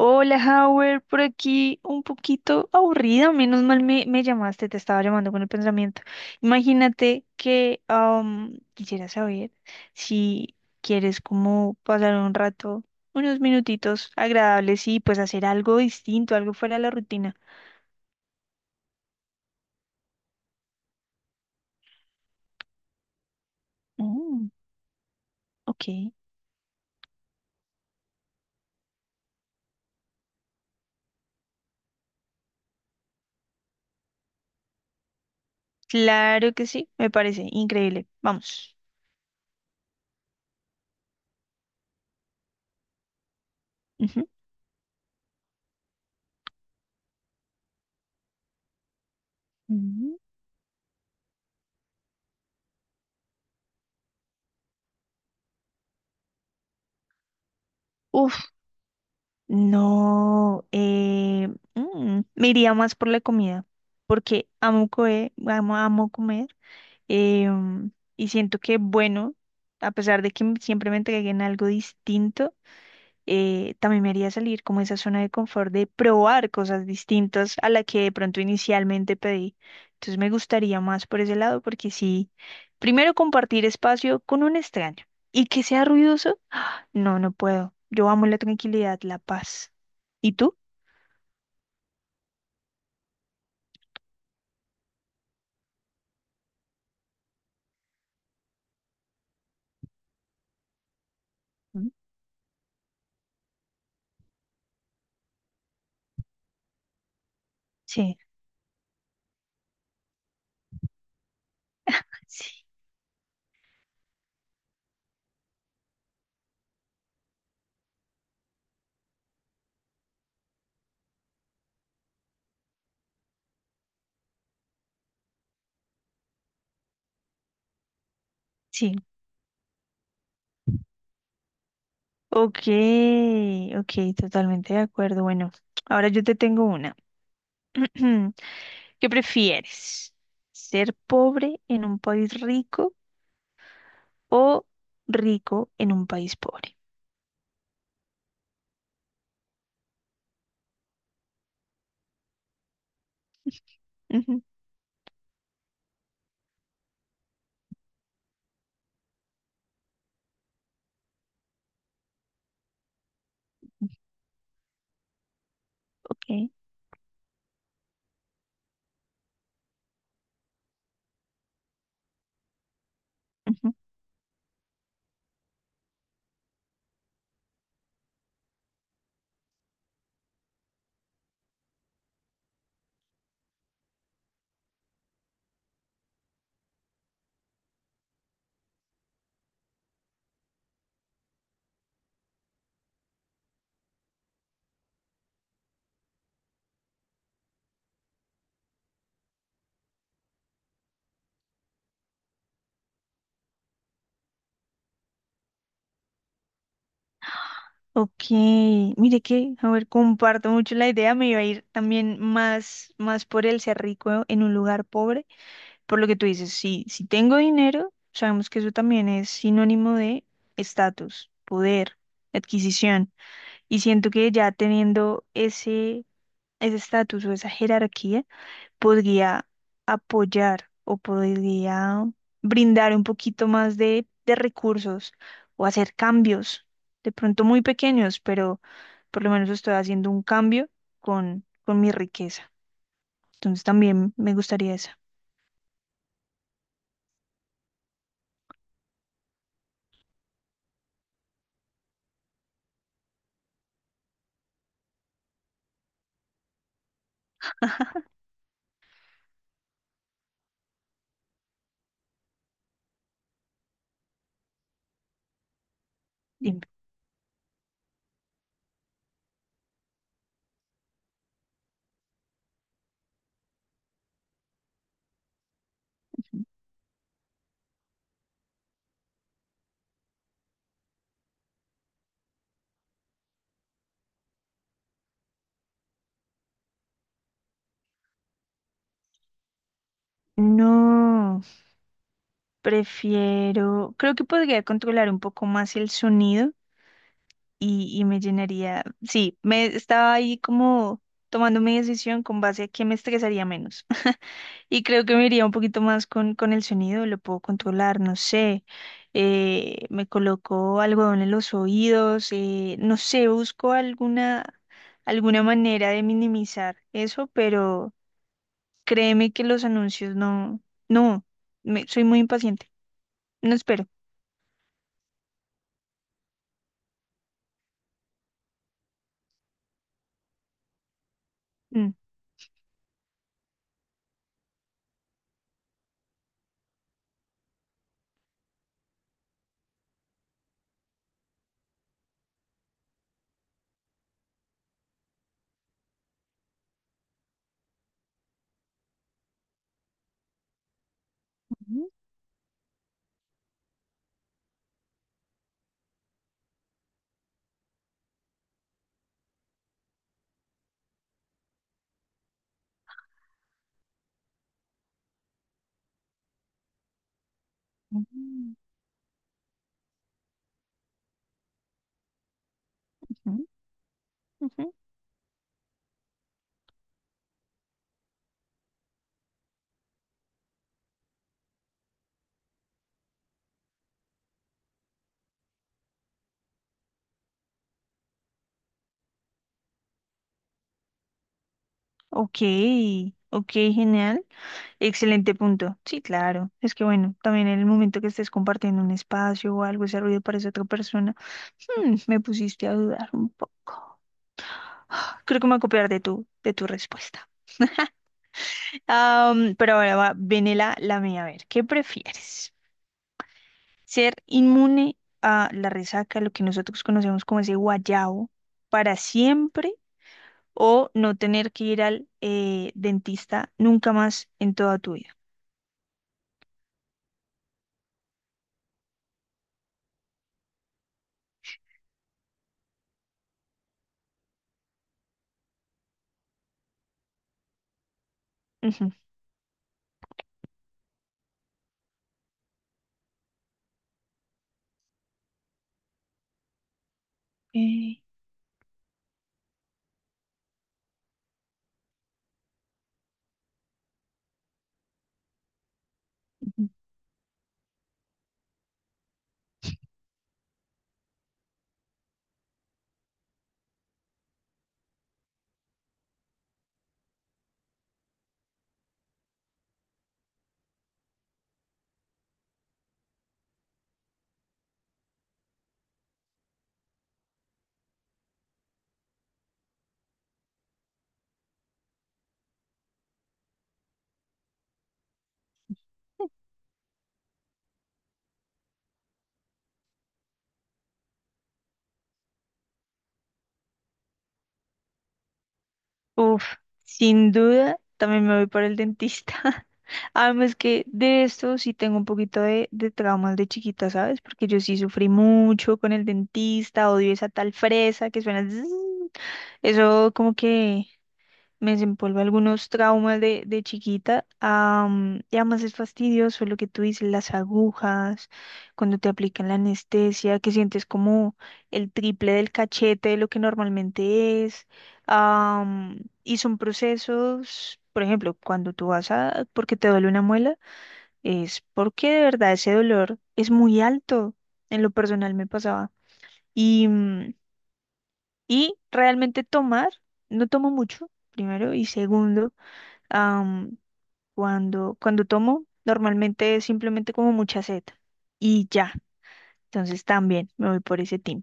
Hola, Howard, por aquí un poquito aburrida, menos mal me llamaste, te estaba llamando con el pensamiento. Imagínate que quisiera saber si quieres como pasar un rato, unos minutitos agradables y pues hacer algo distinto, algo fuera de la rutina. Mm, ok, claro que sí, me parece increíble. Vamos. Ujú. Ujú. Uf. No, me iría más por la comida, porque amo comer, amo, amo comer, eh, mm, y siento que, bueno, a pesar de que siempre me entreguen algo distinto, también me haría salir como esa zona de confort de probar cosas distintas a la que de pronto inicialmente pedí. Entonces me gustaría más por ese lado, porque sí, primero compartir espacio con un extraño y que sea ruidoso. No, no puedo. Yo amo la tranquilidad, la paz. ¿Y tú? ¿Mm? Sí, sí, sí. Ok, ok, totalmente de acuerdo. Bueno, ahora yo te tengo una. ¿Qué prefieres? ¿Ser pobre en un país rico o rico en un país pobre? Ujú. Ok, ujú, ok. Mire que, a ver, comparto mucho la idea. Me iba a ir también más por el ser rico en un lugar pobre. Por lo que tú dices, si tengo dinero, sabemos que eso también es sinónimo de estatus, poder, adquisición. Y siento que ya teniendo ese estatus o esa jerarquía, podría apoyar o podría brindar un poquito más de recursos o hacer cambios, de pronto muy pequeños, pero por lo menos estoy haciendo un cambio con mi riqueza. Entonces también me gustaría esa. Dime. No. Prefiero, creo que podría controlar un poco más el sonido y me llenaría, sí, me estaba ahí como tomando mi decisión con base a que me estresaría menos. Y creo que me iría un poquito más con el sonido, lo puedo controlar, no sé, me coloco algodón en los oídos, no sé, alguna manera de minimizar eso, pero créeme que los anuncios no, no, soy muy impaciente, no espero. Mm. Mm, ujú, ujú. Ok, ok, genial. Excelente punto. Sí, claro. Es que bueno, también en el momento que estés compartiendo un espacio o algo, ese ruido parece otra persona. Mm, me pusiste a dudar un poco. Creo que me voy a copiar de tu respuesta. Pero ahora va, viene la mía. A ver, ¿qué prefieres? ¿Ser inmune a la resaca, lo que nosotros conocemos como ese guayabo, para siempre? ¿O no tener que ir al dentista nunca más en toda tu vida? Ujú. Eh, ujú. Uf, sin duda, también me voy por el dentista. Además que de esto sí tengo un poquito de traumas de chiquita, ¿sabes? Porque yo sí sufrí mucho con el dentista, odio esa tal fresa que suena zzzz. Eso como que me desempolva algunos traumas de chiquita. Y además es fastidioso lo que tú dices, las agujas, cuando te aplican la anestesia, que sientes como el triple del cachete de lo que normalmente es. am, y son procesos, por ejemplo, cuando tú vas a, porque te duele una muela, es porque de verdad ese dolor es muy alto. En lo personal me pasaba. Y, mm, y realmente tomar, no tomo mucho, primero, y segundo. Am, Cuando, cuando tomo, normalmente es simplemente como mucha sed y ya. Entonces también me voy por ese team.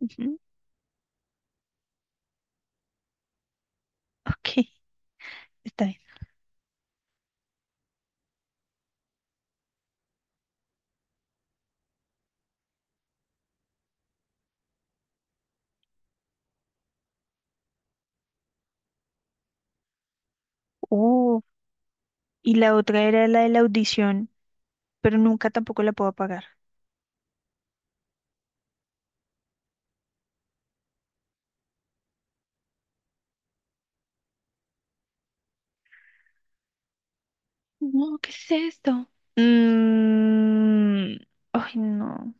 Ujú. Ok, está bien. Oh, y la otra era la de la audición, pero nunca tampoco la puedo apagar. No, ¿qué es esto? Mm, ay, no.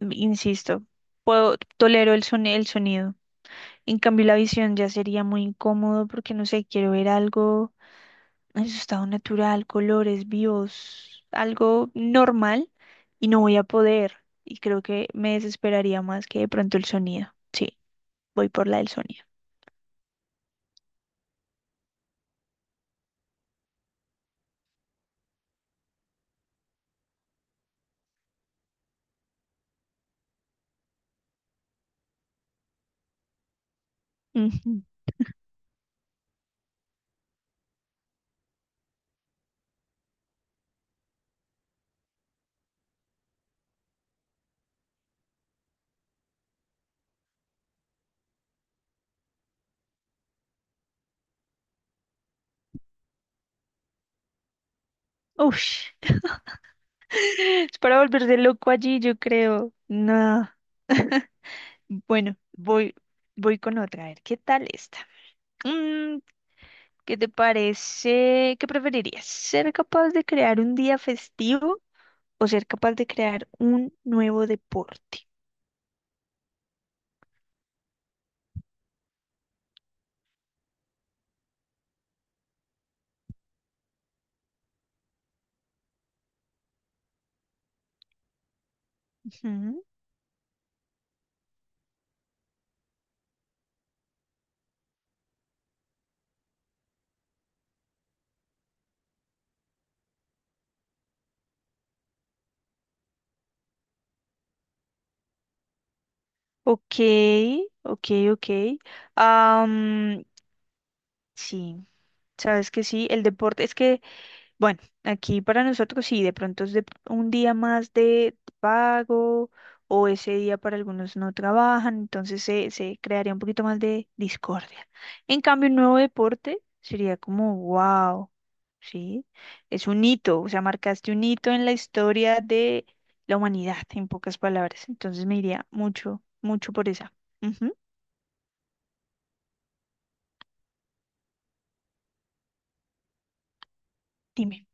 Insisto, puedo, tolero el el sonido. En cambio, la visión ya sería muy incómodo porque no sé, quiero ver algo en su estado natural, colores vivos, algo normal y no voy a poder. Y creo que me desesperaría más que de pronto el sonido. Sí, voy por la del sonido. Ujú. Ush. Es para volverse loco allí, yo creo. No. Bueno, voy, voy con otra. A ver, ¿qué tal esta? Mm, ¿qué te parece? ¿Qué preferirías? ¿Ser capaz de crear un día festivo o ser capaz de crear un nuevo deporte? Ujú. Ok, ok, ok. Am, sí, sabes que sí, el deporte es que bueno, aquí para nosotros sí, de pronto es de un día más de pago o ese día para algunos no trabajan, entonces se crearía un poquito más de discordia. En cambio, un nuevo deporte sería como, wow, sí, es un hito, o sea, marcaste un hito en la historia de la humanidad, en pocas palabras. Entonces me iría mucho, mucho por esa. Ujú. Dime.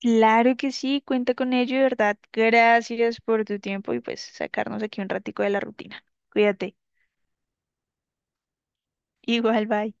Claro que sí, cuenta con ello, de verdad. Gracias por tu tiempo y pues sacarnos aquí un ratico de la rutina. Cuídate. Igual, bye.